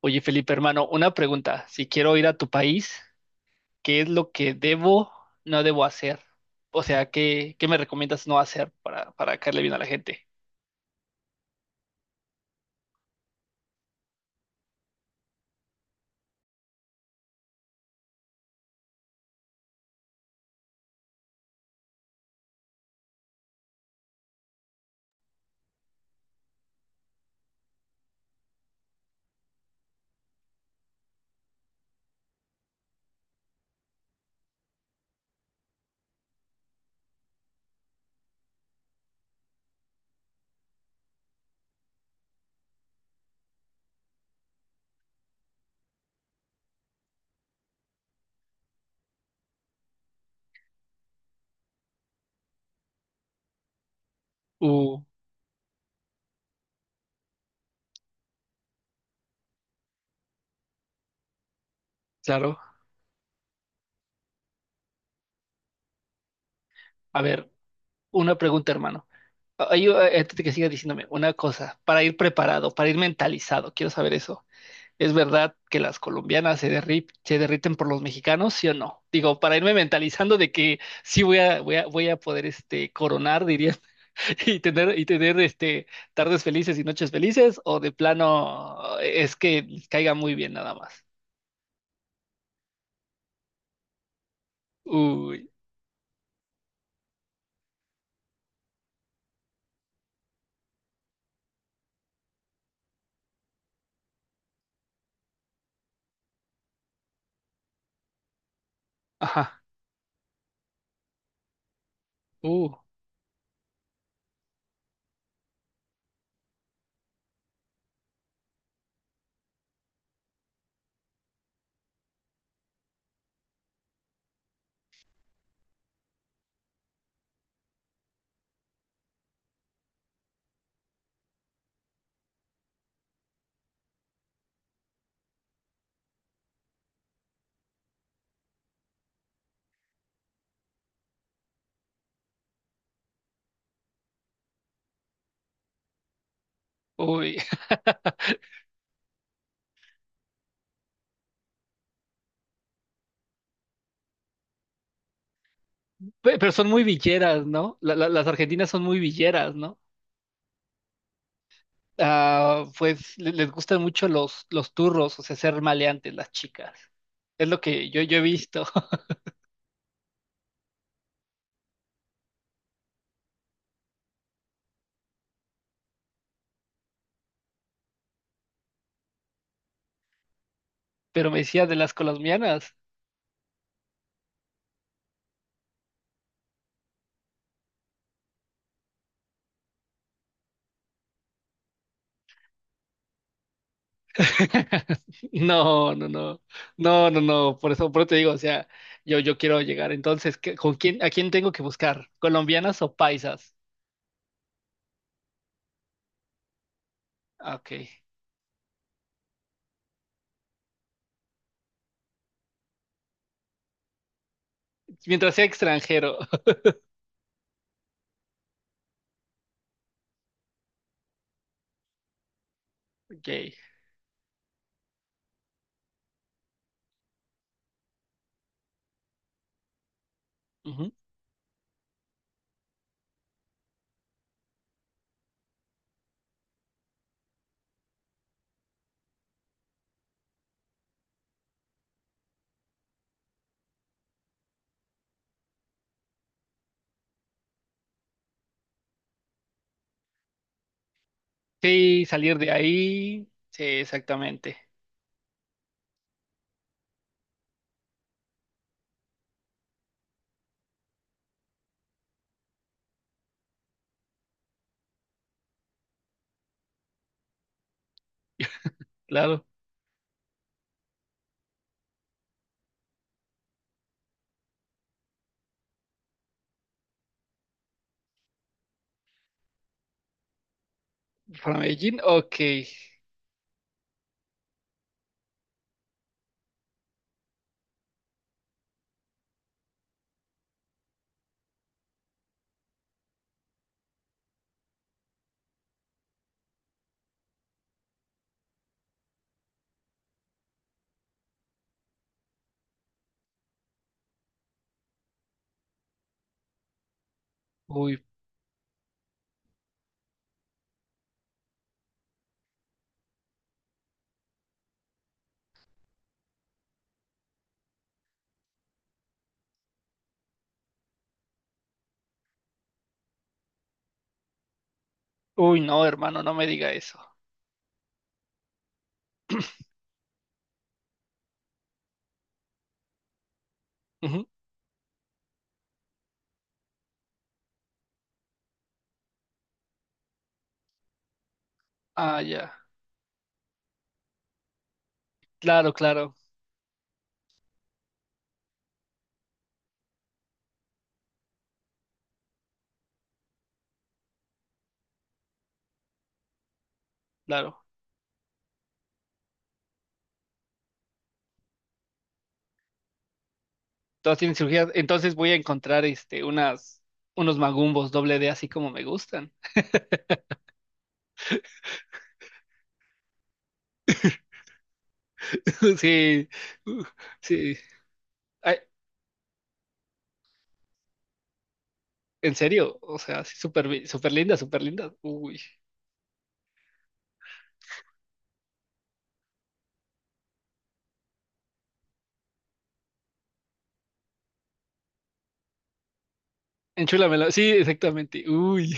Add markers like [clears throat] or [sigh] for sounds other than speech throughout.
Oye, Felipe, hermano, una pregunta. Si quiero ir a tu país, ¿qué es lo que debo, no debo hacer? O sea, ¿qué me recomiendas no hacer para caerle bien a la gente. Uh, claro. A ver, una pregunta, hermano. Ay, yo, antes de que siga diciéndome una cosa, para ir preparado, para ir mentalizado, quiero saber eso. ¿Es verdad que las colombianas se derriten por los mexicanos, sí o no? Digo, para irme mentalizando de que sí voy a poder coronar, diría y tener este, tardes felices y noches felices, o de plano es que les caiga muy bien nada más. Uy, ajá, uh, uy. [laughs] Pero son muy villeras, ¿no? Las argentinas son muy villeras, ¿no? Ah, pues les gustan mucho los turros, o sea, ser maleantes las chicas. Es lo que yo he visto. [laughs] Pero me decía de las colombianas. [laughs] No, no, no, no, por eso te digo, o sea, yo quiero llegar. Entonces, ¿con quién, a quién tengo que buscar? ¿Colombianas o paisas? Ah, ok. Mientras sea extranjero. [laughs] Ok, ujú. Sí, salir de ahí, sí, exactamente, claro. Para Medellín, ok. Uy. Uy, no, hermano, no me diga eso. [clears throat] Ujú. Ah, ya. Claro, claro, claro. Todas tienen cirugías. Entonces voy a encontrar este unas unos magumbos doble D así como me gustan. [laughs] Sí, uh, sí. Ay, en serio, o sea, sí, súper linda, súper linda. Uy, enchúlamela. Sí, exactamente. Uy.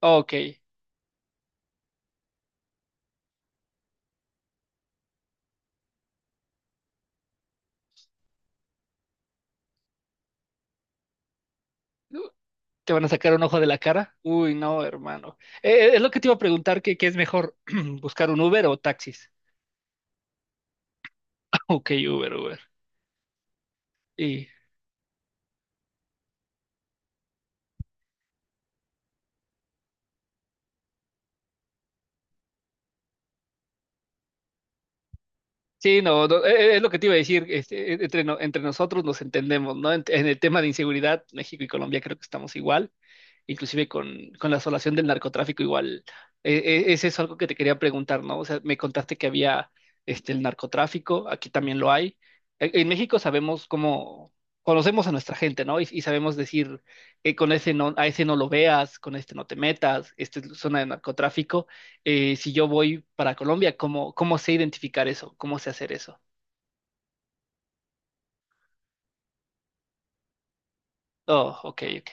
[laughs] Ok. Uh, ¿te van a sacar un ojo de la cara? Uy, no, hermano. Es lo que te iba a preguntar, ¿qué es mejor? [clears throat] ¿Buscar un Uber o taxis? [laughs] Ok, Uber, Uber. Y sí, no, no, es lo que te iba a decir. Entre nosotros nos entendemos, ¿no? En el tema de inseguridad, México y Colombia creo que estamos igual, inclusive con la asolación del narcotráfico igual. Es eso algo que te quería preguntar, ¿no? O sea, me contaste que había este, el narcotráfico, aquí también lo hay. En México sabemos cómo, conocemos a nuestra gente, ¿no? Y sabemos decir, con ese no, a ese no lo veas, con este no te metas, esta es zona de narcotráfico. Si yo voy para Colombia, ¿cómo sé identificar eso? ¿Cómo sé hacer eso? Oh, ok, ok.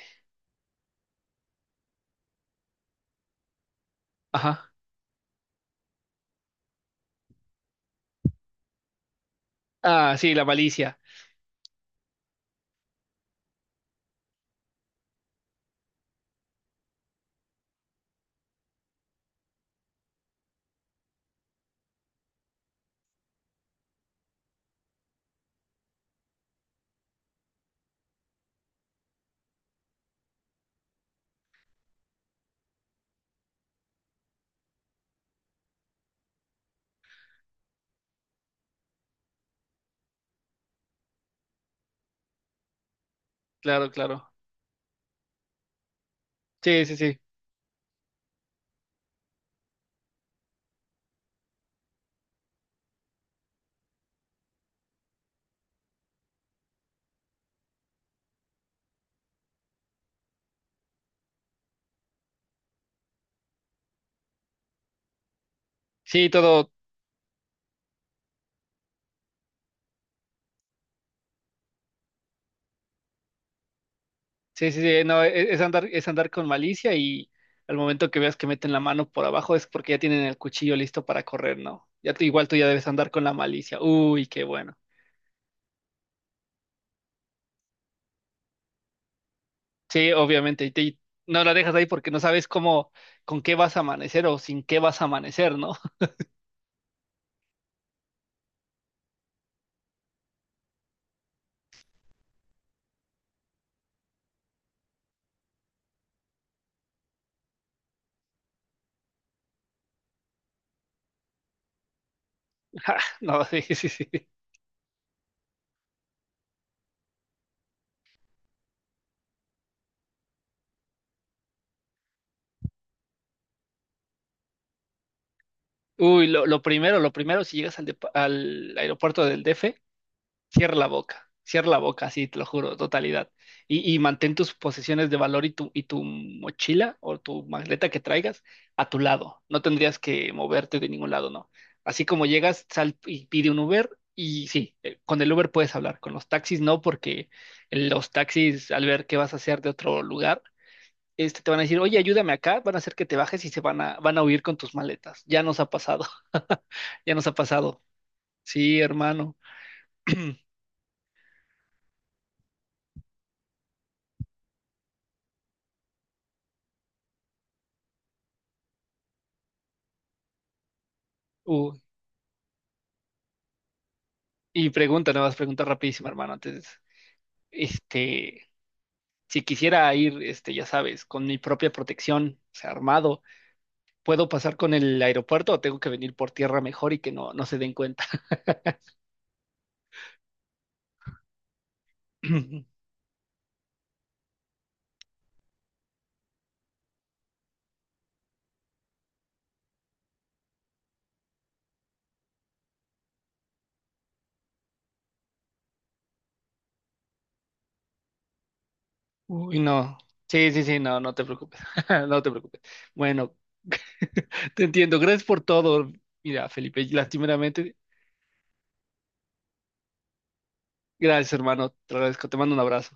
Ajá. Ah, sí, la malicia. Claro, claro. Sí, sí, sí. Sí, todo. Sí, sí, sí, no, es andar con malicia, y al momento que veas que meten la mano por abajo es porque ya tienen el cuchillo listo para correr, ¿no? Ya tú, igual tú ya debes andar con la malicia. Uy, qué bueno. Sí, obviamente, y no la dejas ahí porque no sabes cómo, con qué vas a amanecer o sin qué vas a amanecer, ¿no? [laughs] Ja, no, sí, sí, sí. Uy, lo primero, si llegas al, al aeropuerto del DF, cierra la boca, cierra la boca, sí, te lo juro, totalidad. Y mantén tus posesiones de valor y tu mochila o tu maleta que traigas a tu lado. No tendrías que moverte de ningún lado, ¿no? Así como llegas, sal y pide un Uber, y sí, con el Uber puedes hablar, con los taxis no, porque los taxis, al ver qué vas a hacer de otro lugar, este, te van a decir, oye, ayúdame acá, van a hacer que te bajes y van a huir con tus maletas. Ya nos ha pasado. [laughs] Ya nos ha pasado. Sí, hermano. Uh, Y pregunta, nada más pregunta rapidísima, hermano. Antes, este, si quisiera ir, este, ya sabes, con mi propia protección, o sea, armado, ¿puedo pasar con el aeropuerto o tengo que venir por tierra mejor y que no, no se den cuenta? [clears throat] Uy, no. Sí, sí, sí, no, no te preocupes. [laughs] No te preocupes. Bueno. [laughs] Te entiendo. Gracias por todo. Mira, Felipe, lastimeramente, gracias, hermano. Te agradezco. Te mando un abrazo.